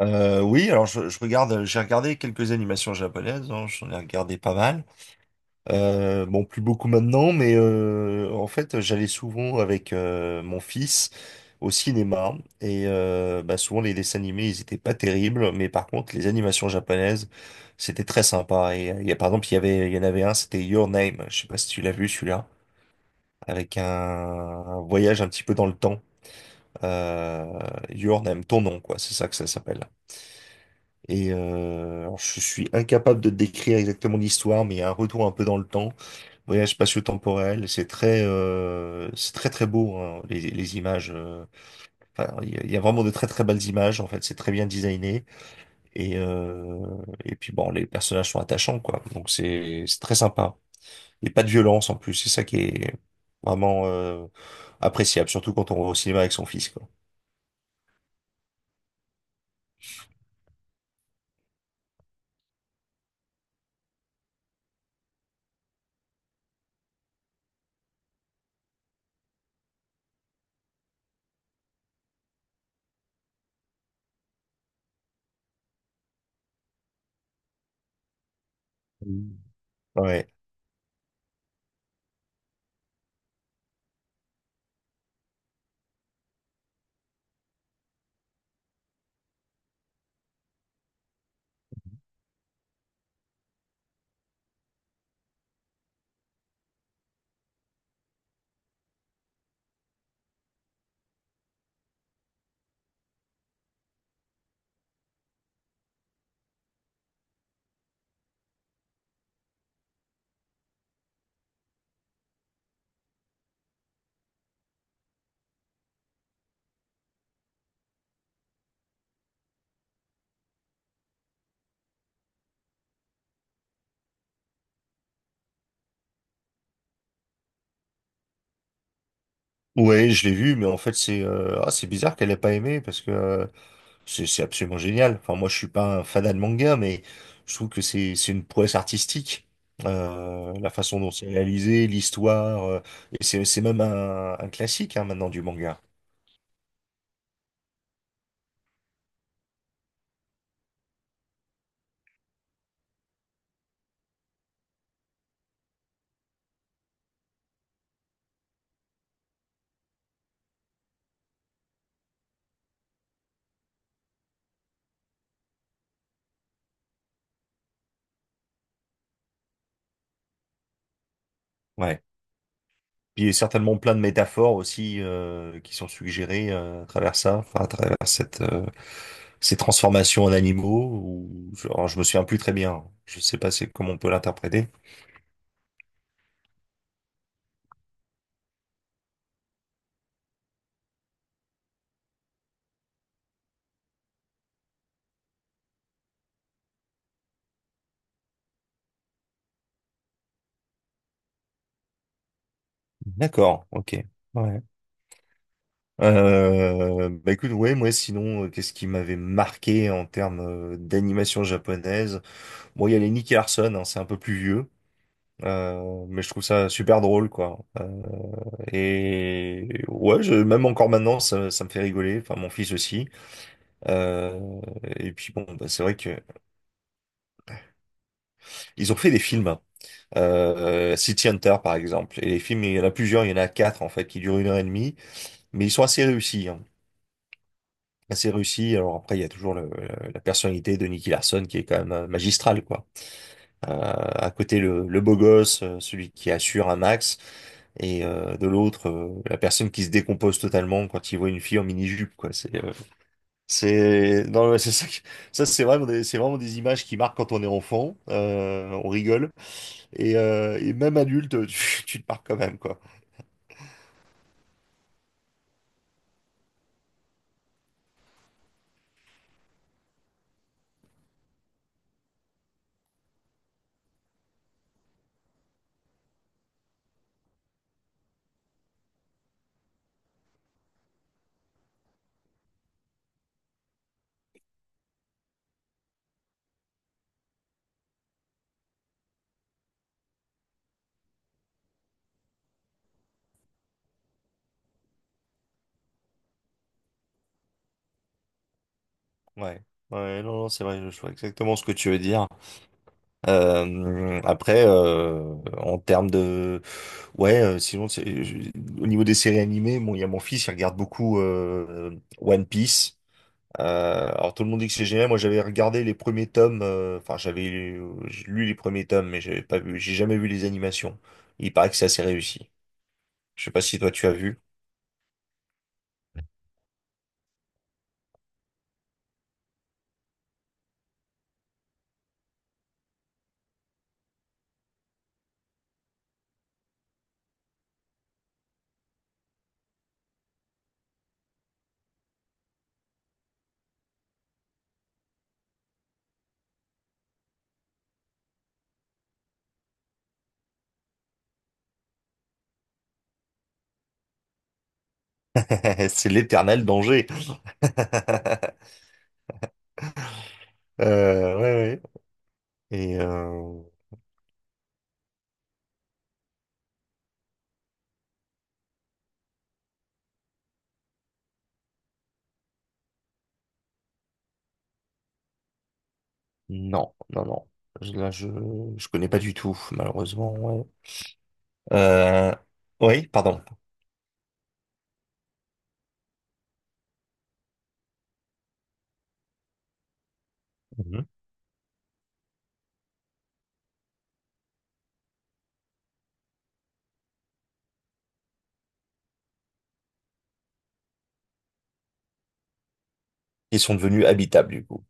Oui, alors je regarde, j'ai regardé quelques animations japonaises, hein, j'en ai regardé pas mal. Bon, plus beaucoup maintenant, mais en fait, j'allais souvent avec mon fils au cinéma et bah, souvent les dessins animés, ils étaient pas terribles, mais par contre, les animations japonaises, c'était très sympa. Et par exemple, il y en avait un, c'était Your Name. Je sais pas si tu l'as vu, celui-là, avec un voyage un petit peu dans le temps. Euh, Your Name, ton nom, quoi, c'est ça que ça s'appelle. Et alors, je suis incapable de décrire exactement l'histoire, mais il y a un retour un peu dans le temps, voyage spatio-temporel. C'est très très beau, hein, les images. Enfin, il y a vraiment de très très belles images, en fait. C'est très bien designé et euh, et puis bon, les personnages sont attachants, quoi. Donc c'est très sympa. Et pas de violence, en plus. C'est ça qui est vraiment appréciable, surtout quand on va au cinéma avec son fils, quoi. Mm. Ouais. Ouais, je l'ai vu, mais en fait c'est ah, c'est bizarre qu'elle ait pas aimé, parce que c'est absolument génial. Enfin, moi, je suis pas un fanat de manga, mais je trouve que c'est une prouesse artistique. La façon dont c'est réalisé, l'histoire, et c'est même un classique, hein, maintenant, du manga. Ouais. Puis il y a certainement plein de métaphores aussi qui sont suggérées à travers ça, enfin à travers cette ces transformations en animaux. Alors, je me souviens plus très bien. Je sais pas, c'est comment on peut l'interpréter. D'accord, ok. Ouais. Bah écoute, ouais, moi sinon, qu'est-ce qui m'avait marqué en termes d'animation japonaise? Bon, il y a les Nicky Larson, hein, c'est un peu plus vieux, mais je trouve ça super drôle, quoi. Et ouais, même encore maintenant, ça me fait rigoler. Enfin, mon fils aussi. Euh, et puis bon, bah, c'est vrai que ils ont fait des films, hein. City Hunter, par exemple. Et les films, il y en a quatre, en fait, qui durent une heure et demie, mais ils sont assez réussis, hein. Assez réussi. Alors après, il y a toujours la personnalité de Nicky Larson qui est quand même magistrale, quoi. À côté, le beau gosse, celui qui assure un max, et de l'autre, la personne qui se décompose totalement quand il voit une fille en mini-jupe, quoi. Non, mais c'est ça, ça c'est vraiment, c'est vraiment des images qui marquent quand on est enfant. On rigole et même adulte, tu te marques quand même, quoi. Ouais, ouais, non, non, c'est vrai, je vois exactement ce que tu veux dire. Après, en termes de, ouais, sinon, au niveau des séries animées, bon, il y a mon fils, il regarde beaucoup One Piece. Alors tout le monde dit que c'est génial. Moi, j'avais regardé les premiers tomes. Enfin, j'ai lu les premiers tomes, mais j'avais pas vu. J'ai jamais vu les animations. Il paraît que c'est assez réussi. Je sais pas si toi tu as vu. C'est l'éternel danger. Ouais, ouais. Et non, non, non. Là, je connais pas du tout, malheureusement. Ouais. Euh, oui, pardon. Mhm. Ils sont devenus habitables, du coup.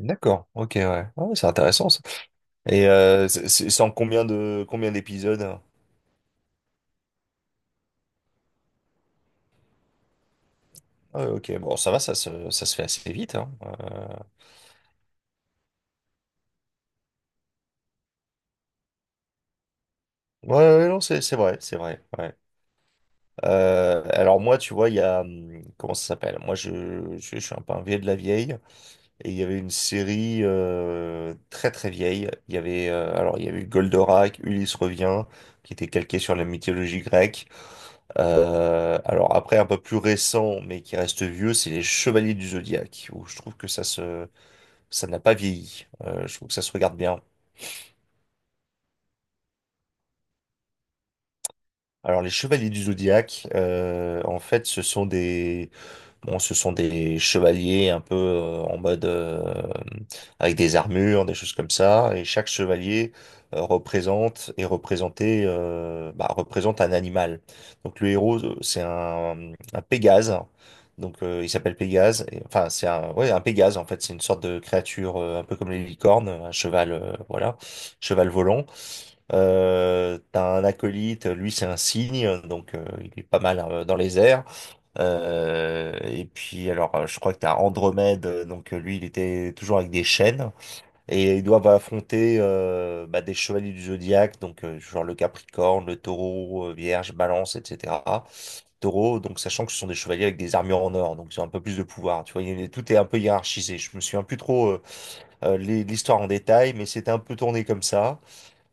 D'accord. Ok, ouais. Ah ouais, c'est intéressant, ça. Et c'est en combien d'épisodes, hein? Ah ouais, ok. Bon, ça va, ça se fait assez vite, hein. Ouais, ouais, non, c'est vrai, c'est vrai. Ouais. Alors moi, tu vois, il y a comment ça s'appelle? Moi, je suis un peu un vieux de la vieille. Et il y avait une série très très vieille. Il y avait Alors, il y avait eu Goldorak, Ulysse revient, qui était calqué sur la mythologie grecque. Alors après, un peu plus récent, mais qui reste vieux, c'est les Chevaliers du Zodiaque, où je trouve que ça n'a pas vieilli. Je trouve que ça se regarde bien. Alors les Chevaliers du Zodiaque, en fait, ce sont des bon, ce sont des chevaliers un peu en mode, avec des armures, des choses comme ça. Et chaque chevalier représente et représenté bah, représente un animal. Donc le héros, c'est un Pégase. Donc il s'appelle Pégase. Enfin, c'est un, ouais, un Pégase, en fait. C'est une sorte de créature un peu comme les licornes, un cheval, voilà, cheval volant. T'as un acolyte, lui c'est un cygne, donc il est pas mal dans les airs. Et puis, alors, je crois que t'as Andromède, donc lui, il était toujours avec des chaînes, et ils doivent affronter bah, des chevaliers du zodiaque, donc genre le Capricorne, le Taureau, Vierge, Balance, etc. Taureau, donc sachant que ce sont des chevaliers avec des armures en or, donc ils ont un peu plus de pouvoir, tu vois, tout est un peu hiérarchisé. Je me souviens plus trop l'histoire en détail, mais c'était un peu tourné comme ça.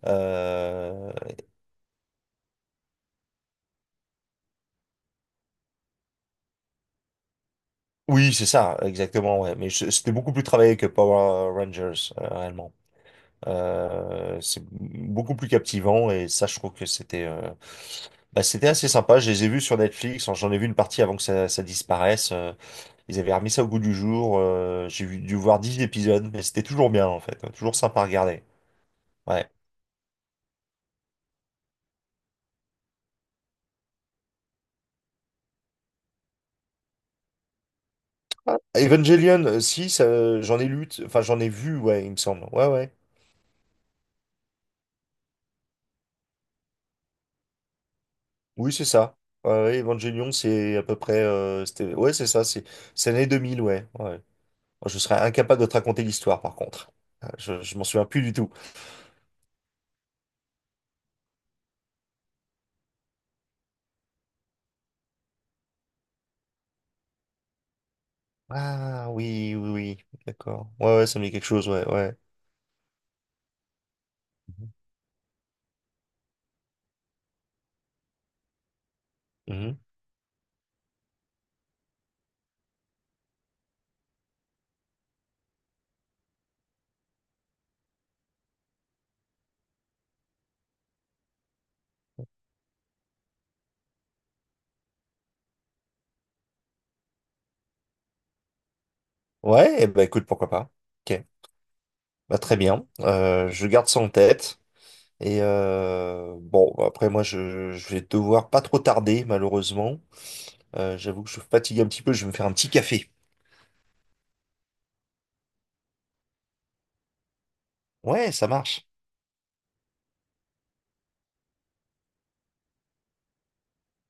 Euh, Oui, c'est ça, exactement, ouais. Mais c'était beaucoup plus travaillé que Power Rangers, réellement. C'est beaucoup plus captivant, et ça, je trouve que c'était assez sympa. Je les ai vus sur Netflix. Enfin, j'en ai vu une partie avant que ça disparaisse. Ils avaient remis ça au goût du jour. J'ai dû voir 10 épisodes, mais c'était toujours bien, en fait. Toujours sympa à regarder. Ouais. Evangelion, si, ça, j'en ai lu, t- enfin j'en ai vu, ouais, il me semble. Ouais, ouais. Oui, c'est ça. Ouais, ouais, Evangelion, c'est à peu près, c'était, ouais, c'est ça. C'est l'année 2000, ouais. Ouais. Moi, je serais incapable de te raconter l'histoire, par contre. Je m'en souviens plus du tout. Ah oui, oui, oui, d'accord. Ouais, ouais, ça me dit quelque chose, ouais, ouais. Mhm. Mhm. Ouais, et bah écoute, pourquoi pas. Ok, bah très bien. Je garde ça en tête. Et bon, bah, après moi, je vais devoir pas trop tarder, malheureusement. J'avoue que je suis fatigué un petit peu, je vais me faire un petit café. Ouais, ça marche.